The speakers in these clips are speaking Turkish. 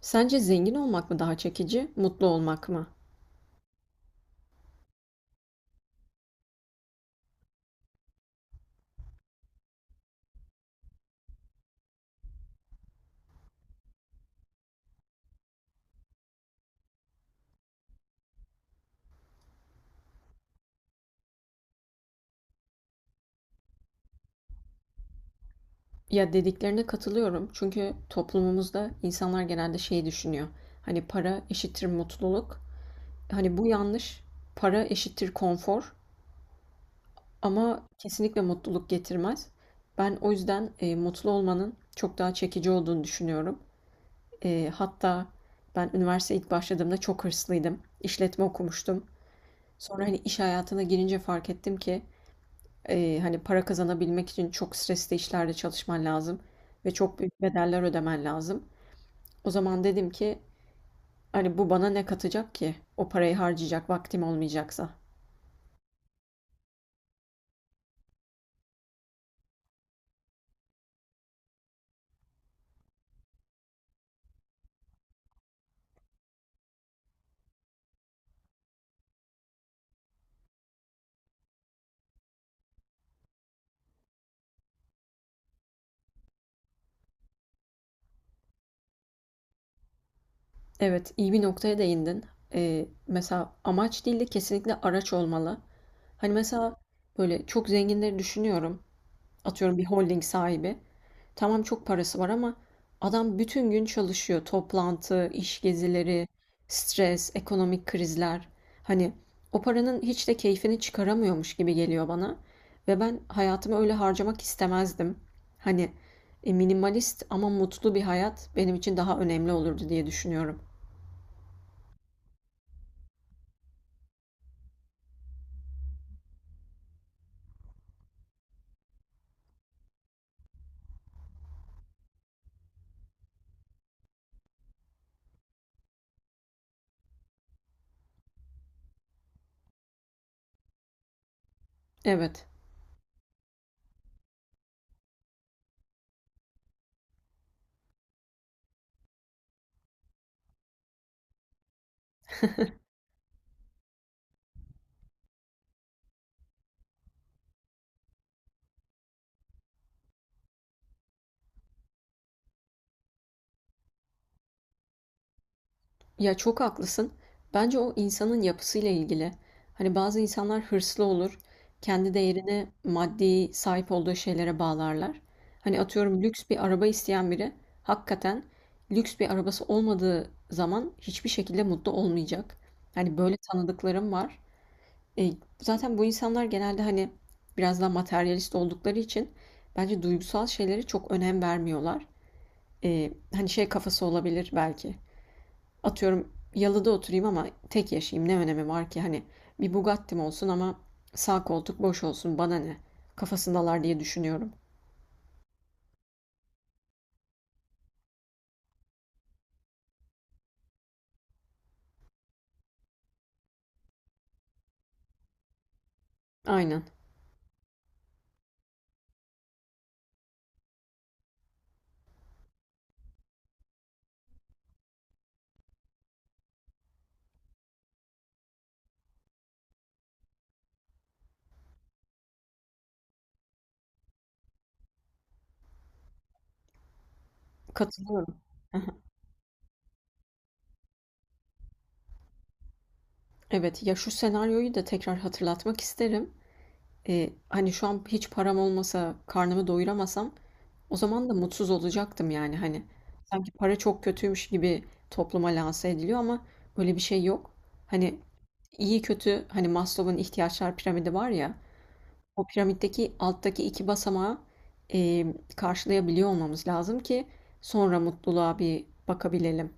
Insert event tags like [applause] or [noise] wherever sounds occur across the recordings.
Sence zengin olmak mı daha çekici, mutlu olmak mı? Ya dediklerine katılıyorum çünkü toplumumuzda insanlar genelde şey düşünüyor. Hani para eşittir mutluluk. Hani bu yanlış. Para eşittir konfor ama kesinlikle mutluluk getirmez. Ben o yüzden mutlu olmanın çok daha çekici olduğunu düşünüyorum. Hatta ben üniversiteye ilk başladığımda çok hırslıydım. İşletme okumuştum. Sonra hani iş hayatına girince fark ettim ki hani para kazanabilmek için çok stresli işlerde çalışman lazım ve çok büyük bedeller ödemen lazım. O zaman dedim ki hani bu bana ne katacak ki? O parayı harcayacak vaktim olmayacaksa. Evet, iyi bir noktaya değindin. Mesela amaç değil de kesinlikle araç olmalı. Hani mesela böyle çok zenginleri düşünüyorum. Atıyorum bir holding sahibi. Tamam çok parası var ama adam bütün gün çalışıyor. Toplantı, iş gezileri, stres, ekonomik krizler. Hani o paranın hiç de keyfini çıkaramıyormuş gibi geliyor bana. Ve ben hayatımı öyle harcamak istemezdim. Hani minimalist ama mutlu bir hayat benim için daha önemli olurdu diye düşünüyorum. Evet. Ya çok haklısın. Bence o insanın yapısıyla ilgili. Hani bazı insanlar hırslı olur. Kendi değerini maddi sahip olduğu şeylere bağlarlar. Hani atıyorum lüks bir araba isteyen biri hakikaten lüks bir arabası olmadığı zaman hiçbir şekilde mutlu olmayacak. Hani böyle tanıdıklarım var. E, Zaten bu insanlar genelde hani biraz daha materyalist oldukları için bence duygusal şeylere çok önem vermiyorlar. Hani şey kafası olabilir belki. Atıyorum yalıda oturayım ama tek yaşayayım ne önemi var ki hani bir Bugatti'm olsun ama sağ koltuk boş olsun bana ne kafasındalar diye düşünüyorum. Aynen katılıyorum. [laughs] Evet ya şu senaryoyu da tekrar hatırlatmak isterim. Hani şu an hiç param olmasa karnımı doyuramasam o zaman da mutsuz olacaktım yani hani sanki para çok kötüymüş gibi topluma lanse ediliyor ama öyle bir şey yok. Hani iyi kötü hani Maslow'un ihtiyaçlar piramidi var ya. O piramitteki alttaki iki basamağı e, karşılayabiliyor olmamız lazım ki sonra mutluluğa bir bakabilelim.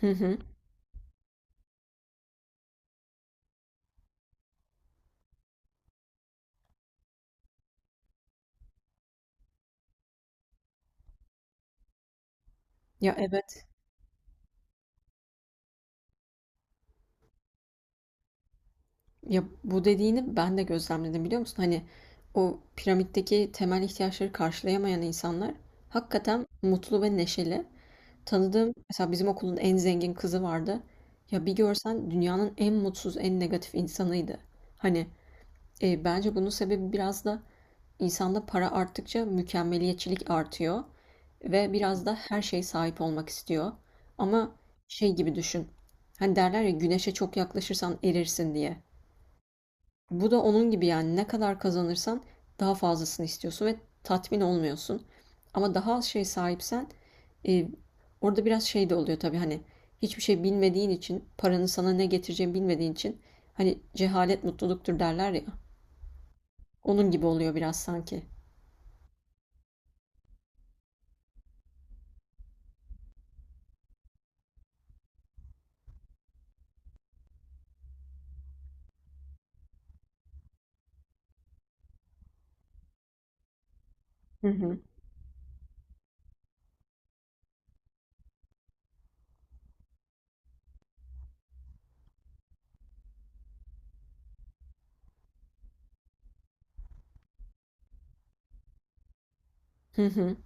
Hı hı. Ya evet. Ya bu dediğini ben de gözlemledim biliyor musun? Hani o piramitteki temel ihtiyaçları karşılayamayan insanlar hakikaten mutlu ve neşeli. Tanıdığım mesela bizim okulun en zengin kızı vardı. Ya bir görsen dünyanın en mutsuz, en negatif insanıydı. Hani bence bunun sebebi biraz da insanda para arttıkça mükemmeliyetçilik artıyor ve biraz da her şeye sahip olmak istiyor. Ama şey gibi düşün. Hani derler ya güneşe çok yaklaşırsan erirsin diye. Bu da onun gibi yani ne kadar kazanırsan daha fazlasını istiyorsun ve tatmin olmuyorsun. Ama daha az şey sahipsen e, orada biraz şey de oluyor tabii hani hiçbir şey bilmediğin için paranın sana ne getireceğini bilmediğin için hani cehalet mutluluktur derler ya. Onun gibi oluyor biraz sanki. Hı hı. Hı hı.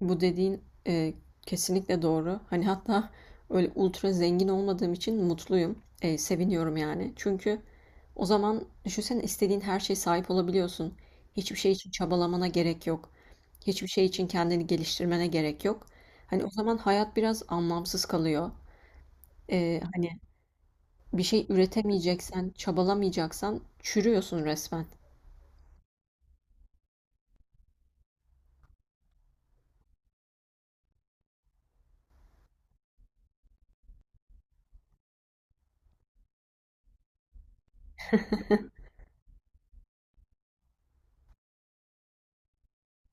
Bu dediğin e, kesinlikle doğru. Hani hatta öyle ultra zengin olmadığım için mutluyum. Seviniyorum yani. Çünkü o zaman düşünsene istediğin her şeye sahip olabiliyorsun. Hiçbir şey için çabalamana gerek yok. Hiçbir şey için kendini geliştirmene gerek yok. Hani o zaman hayat biraz anlamsız kalıyor. Hani bir şey üretemeyeceksen, çabalamayacaksan çürüyorsun resmen. [laughs]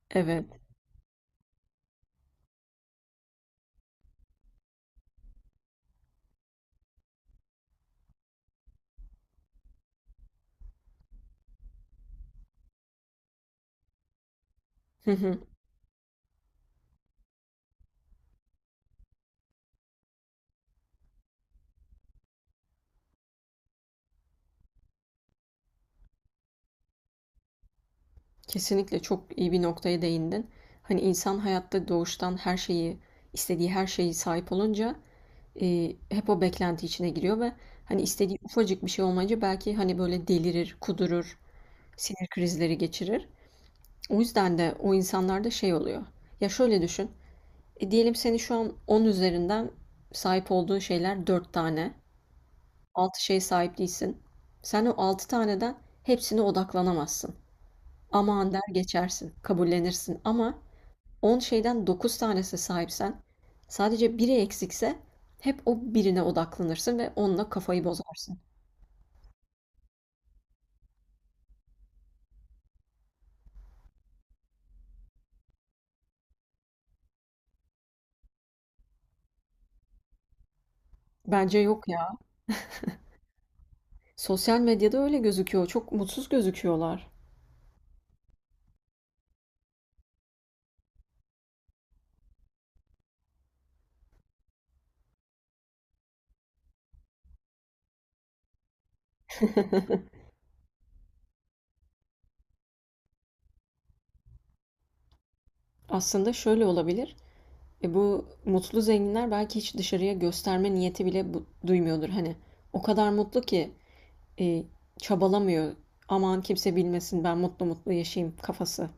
Evet. [laughs] Kesinlikle çok iyi bir noktaya değindin. Hani insan hayatta doğuştan her şeyi, istediği her şeyi sahip olunca hep o beklenti içine giriyor ve hani istediği ufacık bir şey olmayınca belki hani böyle delirir, kudurur, sinir krizleri geçirir. O yüzden de o insanlarda şey oluyor. Ya şöyle düşün. Diyelim seni şu an 10 üzerinden sahip olduğun şeyler 4 tane. 6 şeye sahip değilsin. Sen o 6 taneden hepsine odaklanamazsın. Aman der geçersin, kabullenirsin ama 10 şeyden 9 tanesine sahipsen, sadece biri eksikse hep o birine odaklanırsın ve onunla kafayı bozarsın. Bence yok ya. Sosyal medyada öyle gözüküyor. Çok mutsuz gözüküyorlar. Aslında şöyle olabilir. E bu mutlu zenginler belki hiç dışarıya gösterme niyeti bile duymuyordur. Hani o kadar mutlu ki e, çabalamıyor. Aman kimse bilmesin ben mutlu mutlu yaşayayım kafası.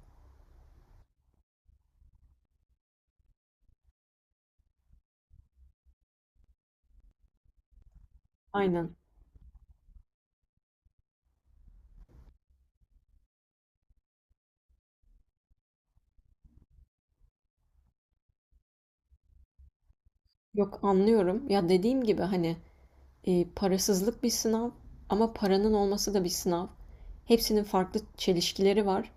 Aynen. Yok anlıyorum. Ya dediğim gibi hani parasızlık bir sınav ama paranın olması da bir sınav. Hepsinin farklı çelişkileri var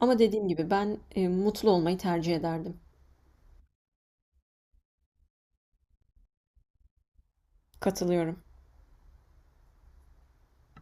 ama dediğim gibi ben, mutlu olmayı tercih ederdim. Katılıyorum.